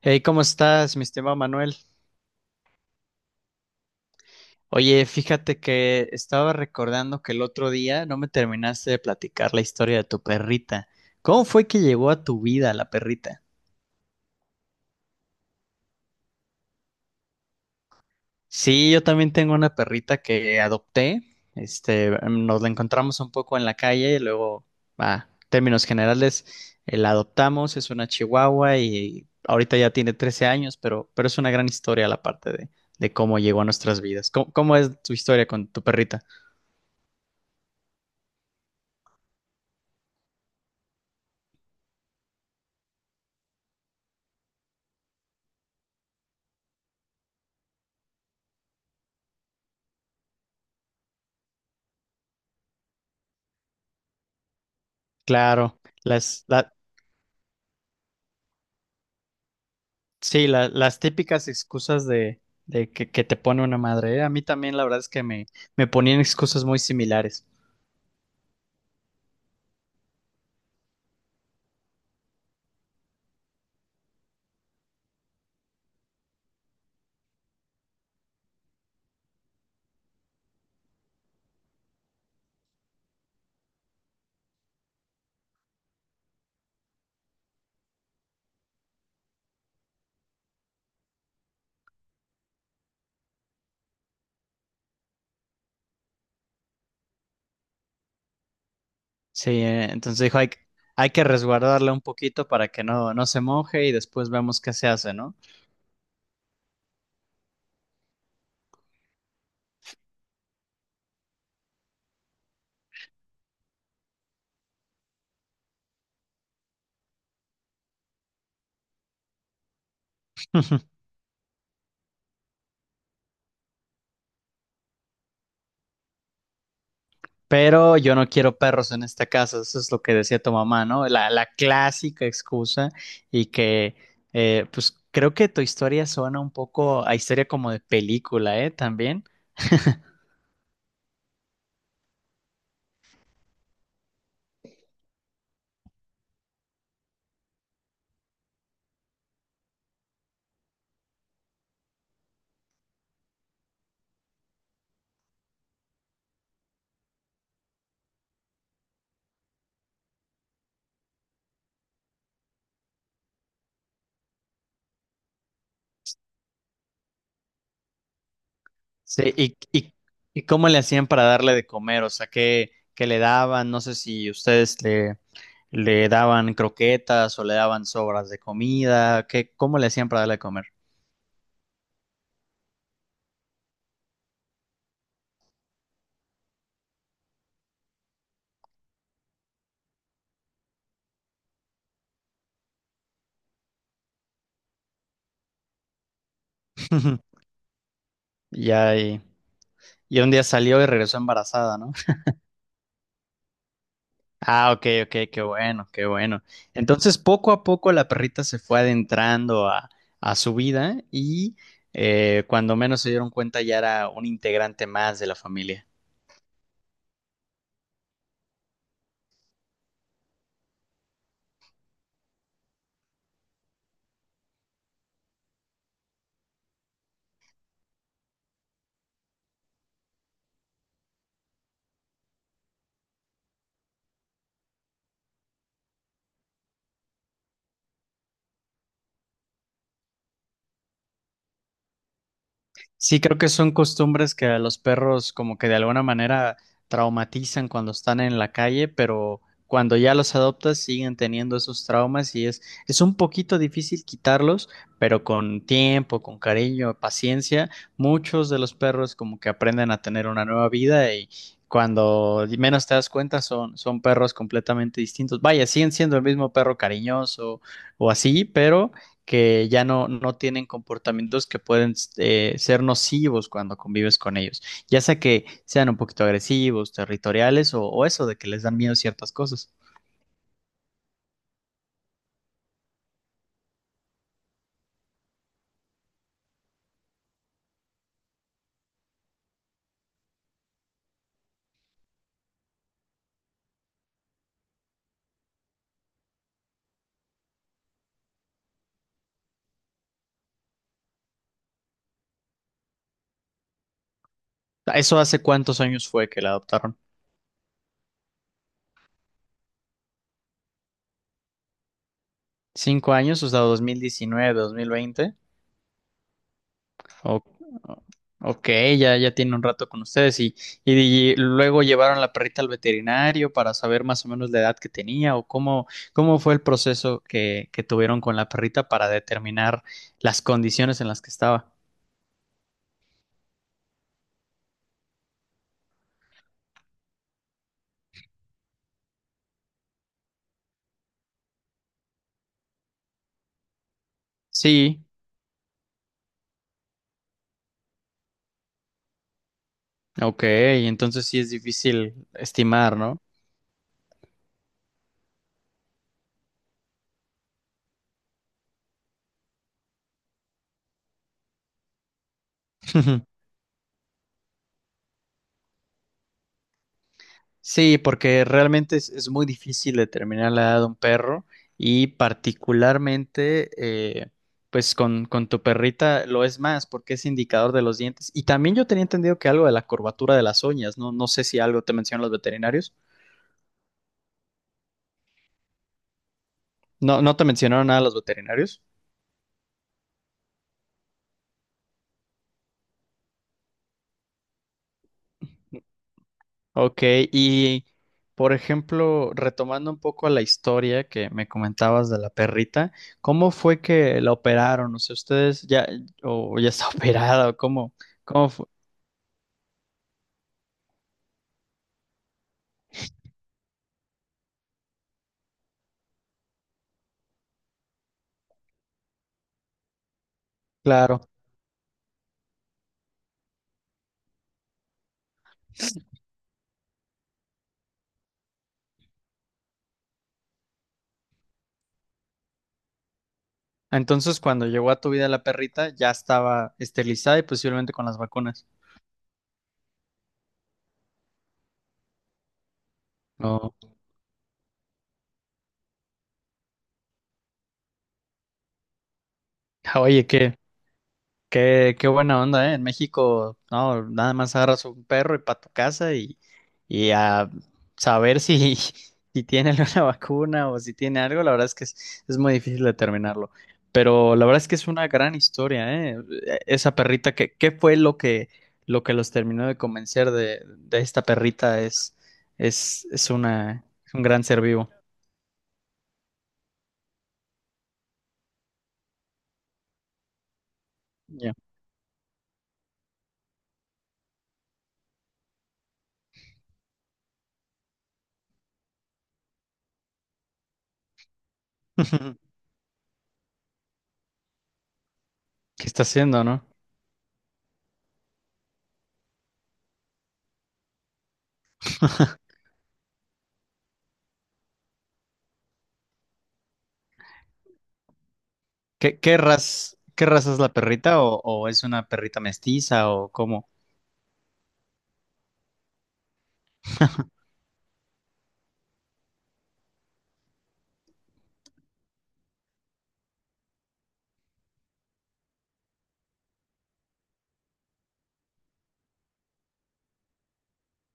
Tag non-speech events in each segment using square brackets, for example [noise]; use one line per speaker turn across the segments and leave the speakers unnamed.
Hey, ¿cómo estás, mi estimado Manuel? Oye, fíjate que estaba recordando que el otro día no me terminaste de platicar la historia de tu perrita. ¿Cómo fue que llegó a tu vida la perrita? Sí, yo también tengo una perrita que adopté. Nos la encontramos un poco en la calle y luego, a términos generales, la adoptamos. Es una chihuahua y ahorita ya tiene 13 años, pero es una gran historia la parte de cómo llegó a nuestras vidas. ¿Cómo, cómo es tu historia con tu perrita? Claro, sí, las típicas excusas de que te pone una madre, ¿eh? A mí también la verdad es que me ponían excusas muy similares. Sí, entonces dijo, hay, hay que resguardarla un poquito para que no, no se moje y después vemos qué se hace, ¿no? Pero yo no quiero perros en esta casa, eso es lo que decía tu mamá, ¿no? La clásica excusa y que, pues creo que tu historia suena un poco a historia como de película, ¿eh? También. Sí, y cómo le hacían para darle de comer, o sea, qué, qué le daban, no sé si le daban croquetas o le daban sobras de comida, qué, cómo le hacían para darle de comer. [laughs] Ya, y un día salió y regresó embarazada, ¿no? [laughs] Ah, ok, ok, qué bueno, qué bueno. Entonces, poco a poco la perrita se fue adentrando a su vida y cuando menos se dieron cuenta ya era un integrante más de la familia. Sí, creo que son costumbres que a los perros como que de alguna manera traumatizan cuando están en la calle, pero cuando ya los adoptas siguen teniendo esos traumas y es un poquito difícil quitarlos, pero con tiempo, con cariño, paciencia, muchos de los perros como que aprenden a tener una nueva vida y cuando menos te das cuenta son, son perros completamente distintos. Vaya, siguen siendo el mismo perro cariñoso o así, pero que ya no, no tienen comportamientos que pueden ser nocivos cuando convives con ellos, ya sea que sean un poquito agresivos, territoriales o eso de que les dan miedo ciertas cosas. ¿Eso hace cuántos años fue que la adoptaron? ¿Cinco años? O sea, 2019, 2020. O- ok, ya, ya tiene un rato con ustedes y luego llevaron la perrita al veterinario para saber más o menos la edad que tenía o cómo, cómo fue el proceso que tuvieron con la perrita para determinar las condiciones en las que estaba. Sí, ok, entonces sí es difícil estimar, ¿no? [laughs] Sí, porque realmente es muy difícil determinar la edad de un perro y particularmente eh, pues con tu perrita lo es más porque es indicador de los dientes. Y también yo tenía entendido que algo de la curvatura de las uñas, no, no sé si algo te mencionan los veterinarios. No, no te mencionaron nada los veterinarios. Ok, y por ejemplo, retomando un poco la historia que me comentabas de la perrita, ¿cómo fue que la operaron? O sea, ustedes ya, o ya está [laughs] operada, o cómo. ¿Cómo Claro. Entonces, cuando llegó a tu vida la perrita, ya estaba esterilizada y posiblemente con las vacunas. No. Oye, qué, qué buena onda, ¿eh? En México, no, nada más agarras un perro y para tu casa y a saber si, [laughs] si tiene alguna vacuna o si tiene algo, la verdad es que es muy difícil determinarlo. Pero la verdad es que es una gran historia, ¿eh? Esa perrita, que, ¿qué fue lo que los terminó de convencer de esta perrita? Es, es un gran ser vivo. Ya. [laughs] ¿Qué está haciendo, no? [laughs] ¿Qué, qué raza es la perrita o es una perrita mestiza o cómo?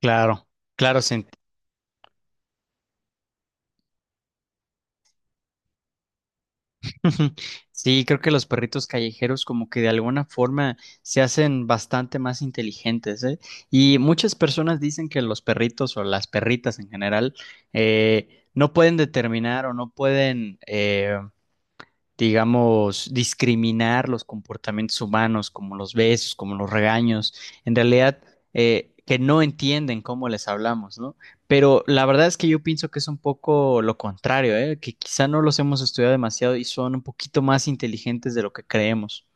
Claro, claro, [laughs] Sí, creo que los perritos callejeros como que de alguna forma se hacen bastante más inteligentes, ¿eh? Y muchas personas dicen que los perritos o las perritas en general no pueden determinar o no pueden digamos, discriminar los comportamientos humanos, como los besos, como los regaños, en realidad que no entienden cómo les hablamos, ¿no? Pero la verdad es que yo pienso que es un poco lo contrario, ¿eh? Que quizá no los hemos estudiado demasiado y son un poquito más inteligentes de lo que creemos.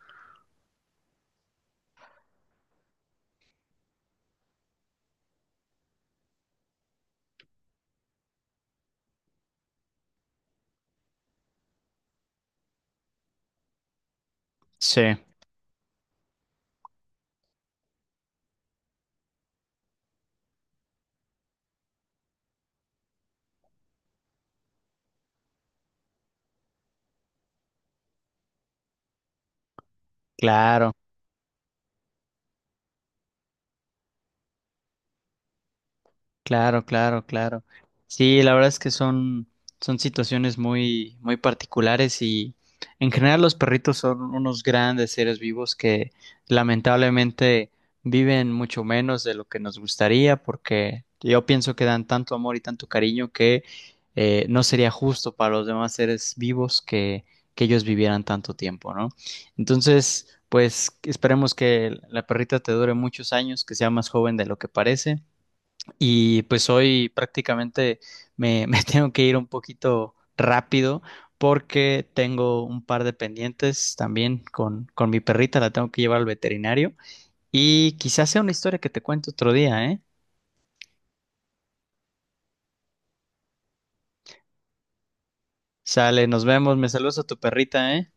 Sí, claro. Claro, claro, claro. Sí, la verdad es que son, son situaciones muy, muy particulares y en general los perritos son unos grandes seres vivos que lamentablemente viven mucho menos de lo que nos gustaría porque yo pienso que dan tanto amor y tanto cariño que no sería justo para los demás seres vivos que ellos vivieran tanto tiempo, ¿no? Entonces, pues esperemos que la perrita te dure muchos años, que sea más joven de lo que parece. Y pues hoy prácticamente me, [laughs] me tengo que ir un poquito rápido porque tengo un par de pendientes también con mi perrita, la tengo que llevar al veterinario. Y quizás sea una historia que te cuento otro día, ¿eh? Sale, nos vemos, me saludas a tu perrita, ¿eh?